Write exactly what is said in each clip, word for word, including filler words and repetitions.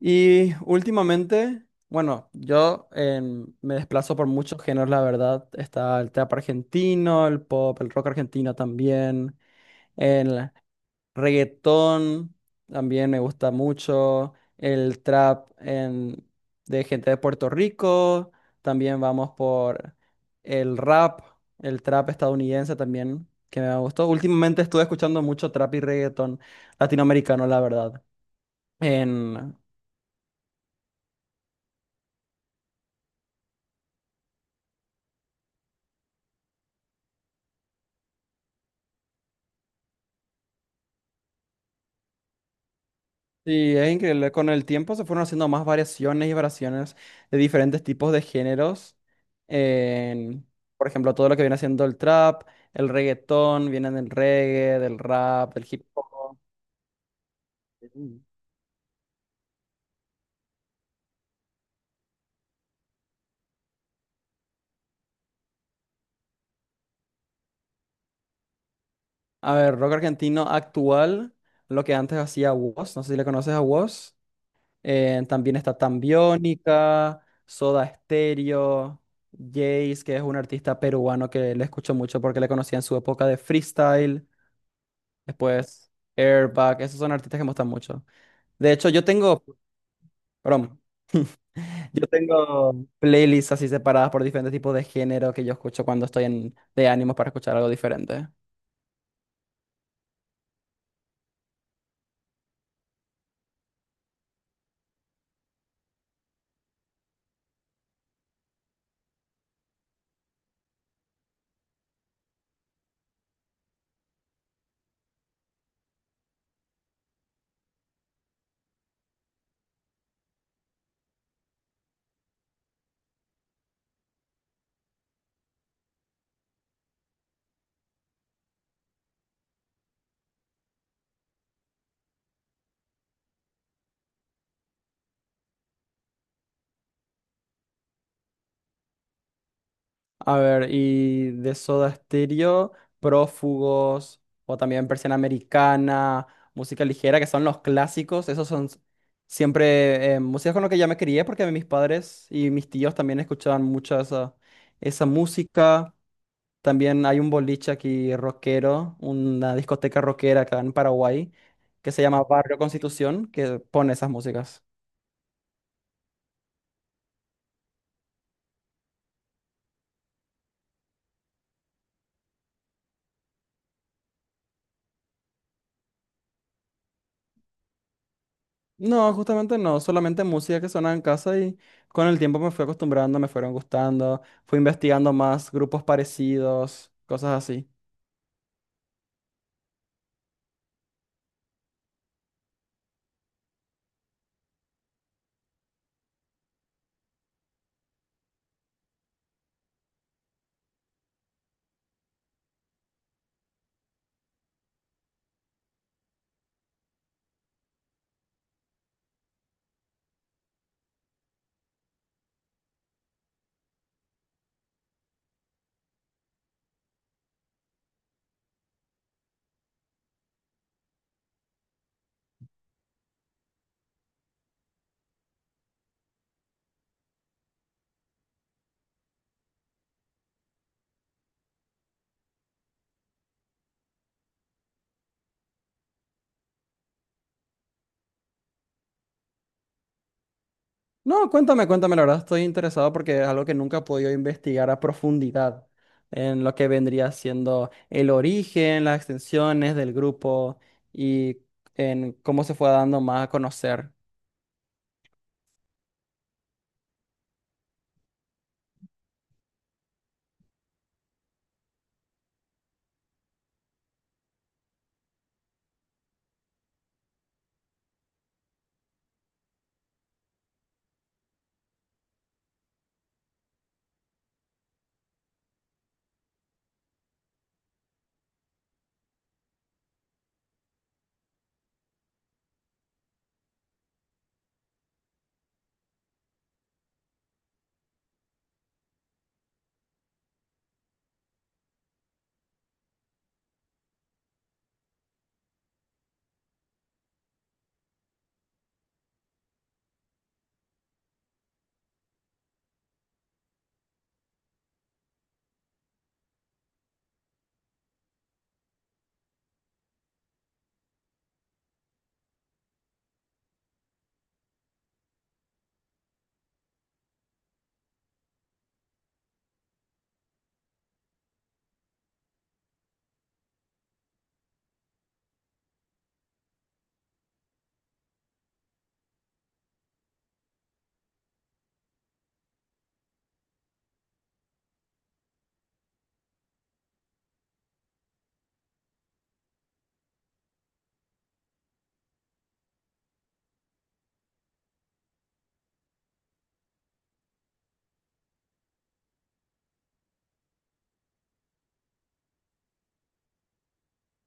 Y últimamente, bueno, yo em, me desplazo por muchos géneros, la verdad. Está el trap argentino, el pop, el rock argentino también, el reggaetón también me gusta mucho, el trap en- de gente de Puerto Rico, también vamos por el rap, el trap estadounidense también, que me gustó. Últimamente estuve escuchando mucho trap y reggaetón latinoamericano, la verdad. Sí, es increíble. Con el tiempo se fueron haciendo más variaciones y variaciones de diferentes tipos de géneros. En, por ejemplo, todo lo que viene haciendo el trap, el reggaetón, vienen del reggae, del rap, del hip hop. Mm. A ver, rock argentino actual, lo que antes hacía Wos, no sé si le conoces a Wos. Eh, también está Tambiónica, Soda Stereo, Jace, que es un artista peruano que le escucho mucho porque le conocí en su época de freestyle. Después, Airbag, esos son artistas que me gustan mucho. De hecho, yo tengo, perdón, yo tengo playlists así separadas por diferentes tipos de género que yo escucho cuando estoy en, de ánimo para escuchar algo diferente. A ver, y de Soda Stereo, Prófugos, o también Persiana Americana, música ligera, que son los clásicos. Esos son s- siempre eh, músicas con lo que yo me crié, porque mis padres y mis tíos también escuchaban mucho esa, esa música. También hay un boliche aquí rockero, una discoteca rockera acá en Paraguay, que se llama Barrio Constitución, que pone esas músicas. No, justamente no, solamente música que sonaba en casa y con el tiempo me fui acostumbrando, me fueron gustando, fui investigando más grupos parecidos, cosas así. No, cuéntame, cuéntame, la verdad estoy interesado porque es algo que nunca he podido investigar a profundidad en lo que vendría siendo el origen, las extensiones del grupo y en cómo se fue dando más a conocer.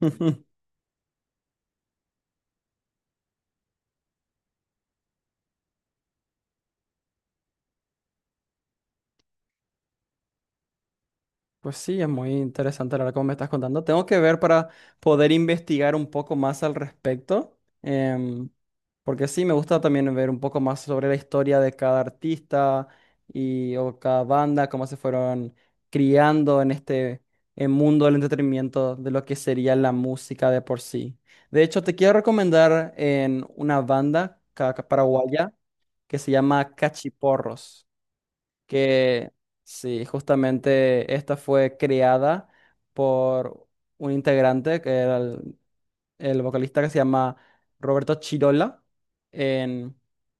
Pues sí, es muy interesante la verdad como me estás contando. Tengo que ver para poder investigar un poco más al respecto, em, porque sí, me gusta también ver un poco más sobre la historia de cada artista y o cada banda, cómo se fueron criando en este eh, mundo del entretenimiento de lo que sería la música de por sí. De hecho, te quiero recomendar en una banda ca- ca- paraguaya que se llama Cachiporros, que sí, justamente esta fue creada por un integrante que era el- el vocalista que se llama Roberto Chirola, en-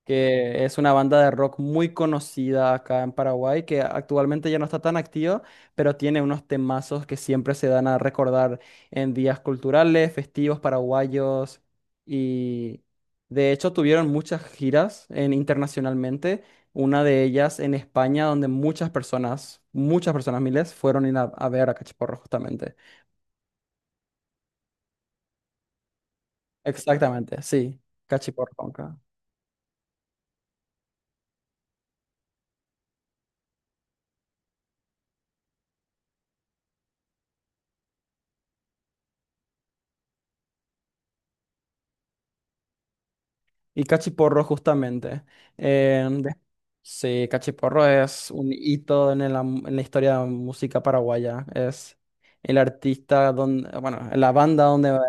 que es una banda de rock muy conocida acá en Paraguay, que actualmente ya no está tan activa, pero tiene unos temazos que siempre se dan a recordar en días culturales, festivos paraguayos, y de hecho tuvieron muchas giras en, internacionalmente. Una de ellas en España, donde muchas personas, muchas personas, miles, fueron a, a ver a Cachiporro justamente. Exactamente, sí, Cachiporro. Conca. Y Cachiporro, justamente. Eh, de- sí, Cachiporro es un hito en la, en la historia de la música paraguaya. Es el artista donde, bueno, la banda donde va.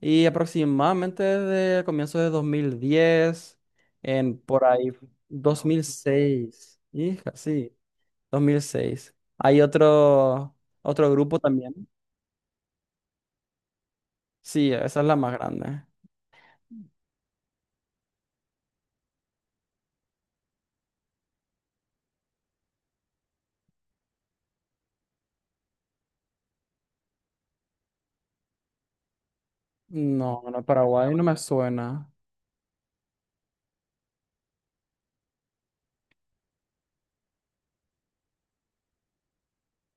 Y aproximadamente desde comienzos de dos mil diez, en por ahí dos mil seis hija, sí, dos mil seis. Hay otro, otro grupo también. Sí, esa es la más grande. No, no, Paraguay no me suena.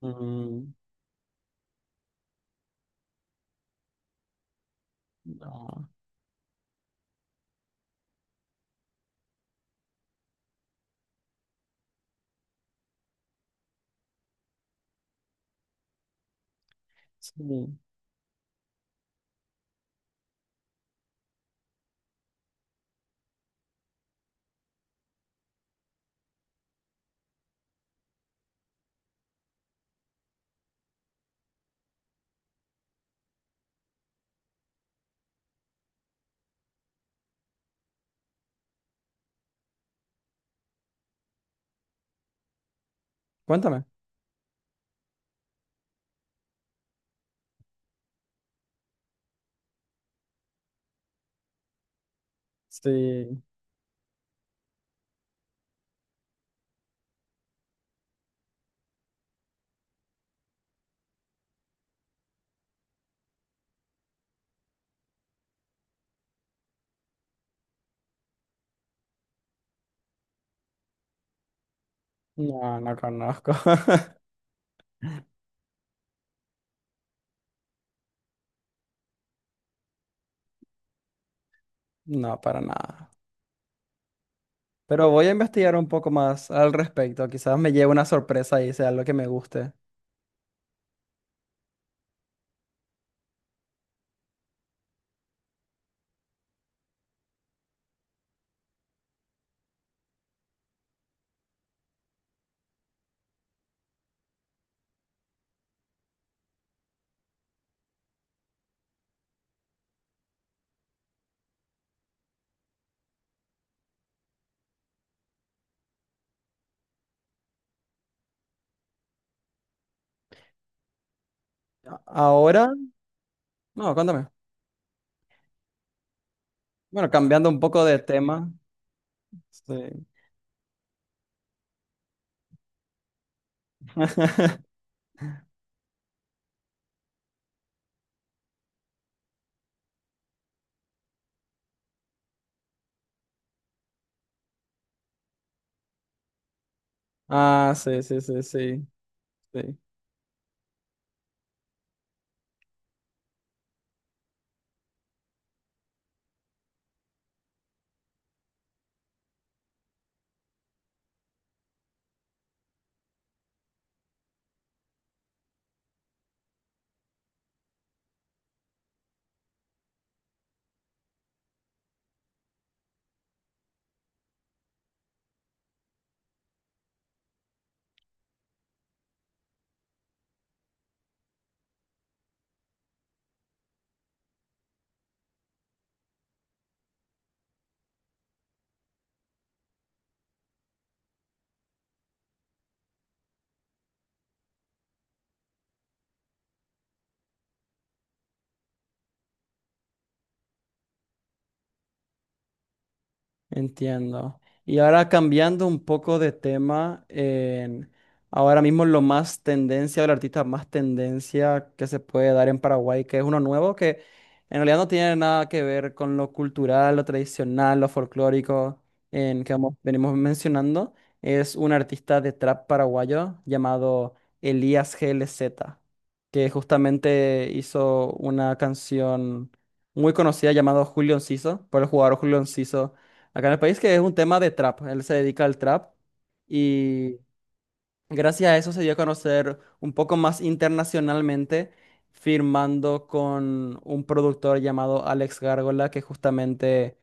Mm, no. Sí. Cuéntame. Sí, no, no conozco. No, para nada. Pero voy a investigar un poco más al respecto. Quizás me lleve una sorpresa y sea lo que me guste. A- Ahora, no, cuéntame. Bueno, cambiando un poco de tema. Sí. Ah, sí, sí, sí, sí, sí. Entiendo. Y ahora cambiando un poco de tema, en- ahora mismo lo más tendencia, el artista más tendencia que se puede dar en Paraguay, que es uno nuevo, que en realidad no tiene nada que ver con lo cultural, lo tradicional, lo folclórico en que hemos- venimos mencionando, es un artista de trap paraguayo llamado Elías G L Z, que justamente hizo una canción muy conocida llamada Julio Enciso, por el jugador Julio Enciso acá en el país, que es un tema de trap. Él se dedica al trap y gracias a eso se dio a conocer un poco más internacionalmente, firmando con un productor llamado Alex Gárgola, que justamente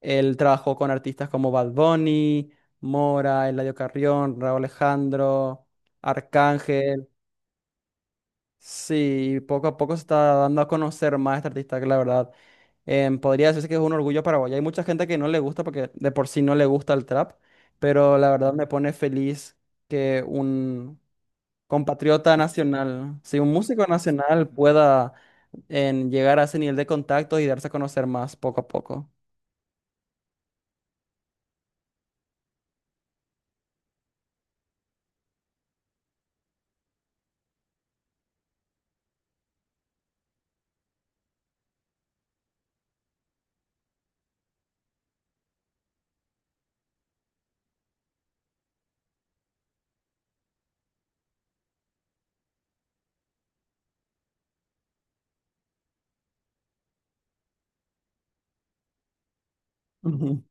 él trabajó con artistas como Bad Bunny, Mora, Eladio Carrión, Raúl Alejandro, Arcángel. Sí, poco a poco se está dando a conocer más este artista, que la verdad em, podría decirse que es un orgullo paraguayo. Hay mucha gente que no le gusta porque de por sí no le gusta el trap, pero la verdad me pone feliz que un compatriota nacional, si un músico nacional pueda en, llegar a ese nivel de contacto y darse a conocer más poco a poco. Ujú,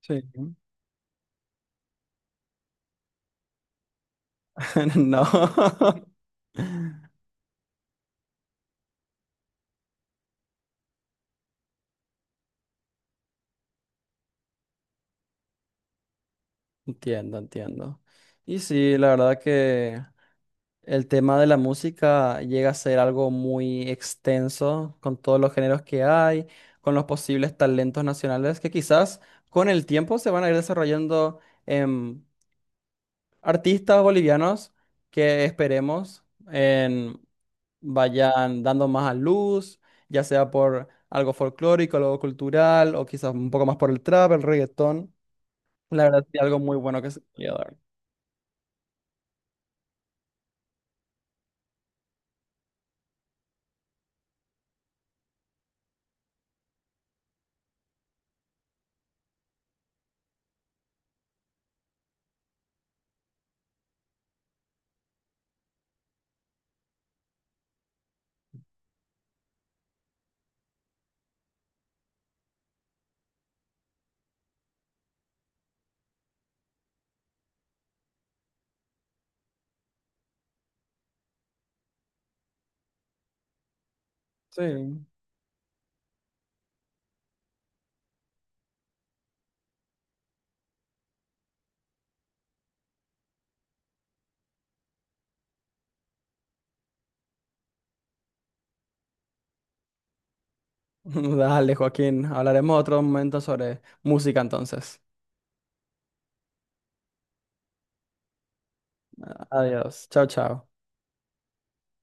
sí. No. Entiendo, entiendo. Y sí, la verdad que el tema de la música llega a ser algo muy extenso con todos los géneros que hay, con los posibles talentos nacionales que quizás con el tiempo se van a ir desarrollando en artistas bolivianos que esperemos en- vayan dando más a luz, ya sea por algo folclórico, algo cultural o quizás un poco más por el trap, el reggaetón. La verdad es algo muy bueno que se podría dar. Sí. Dale, Joaquín. Hablaremos otro momento sobre música entonces. Adiós. Chao, chao.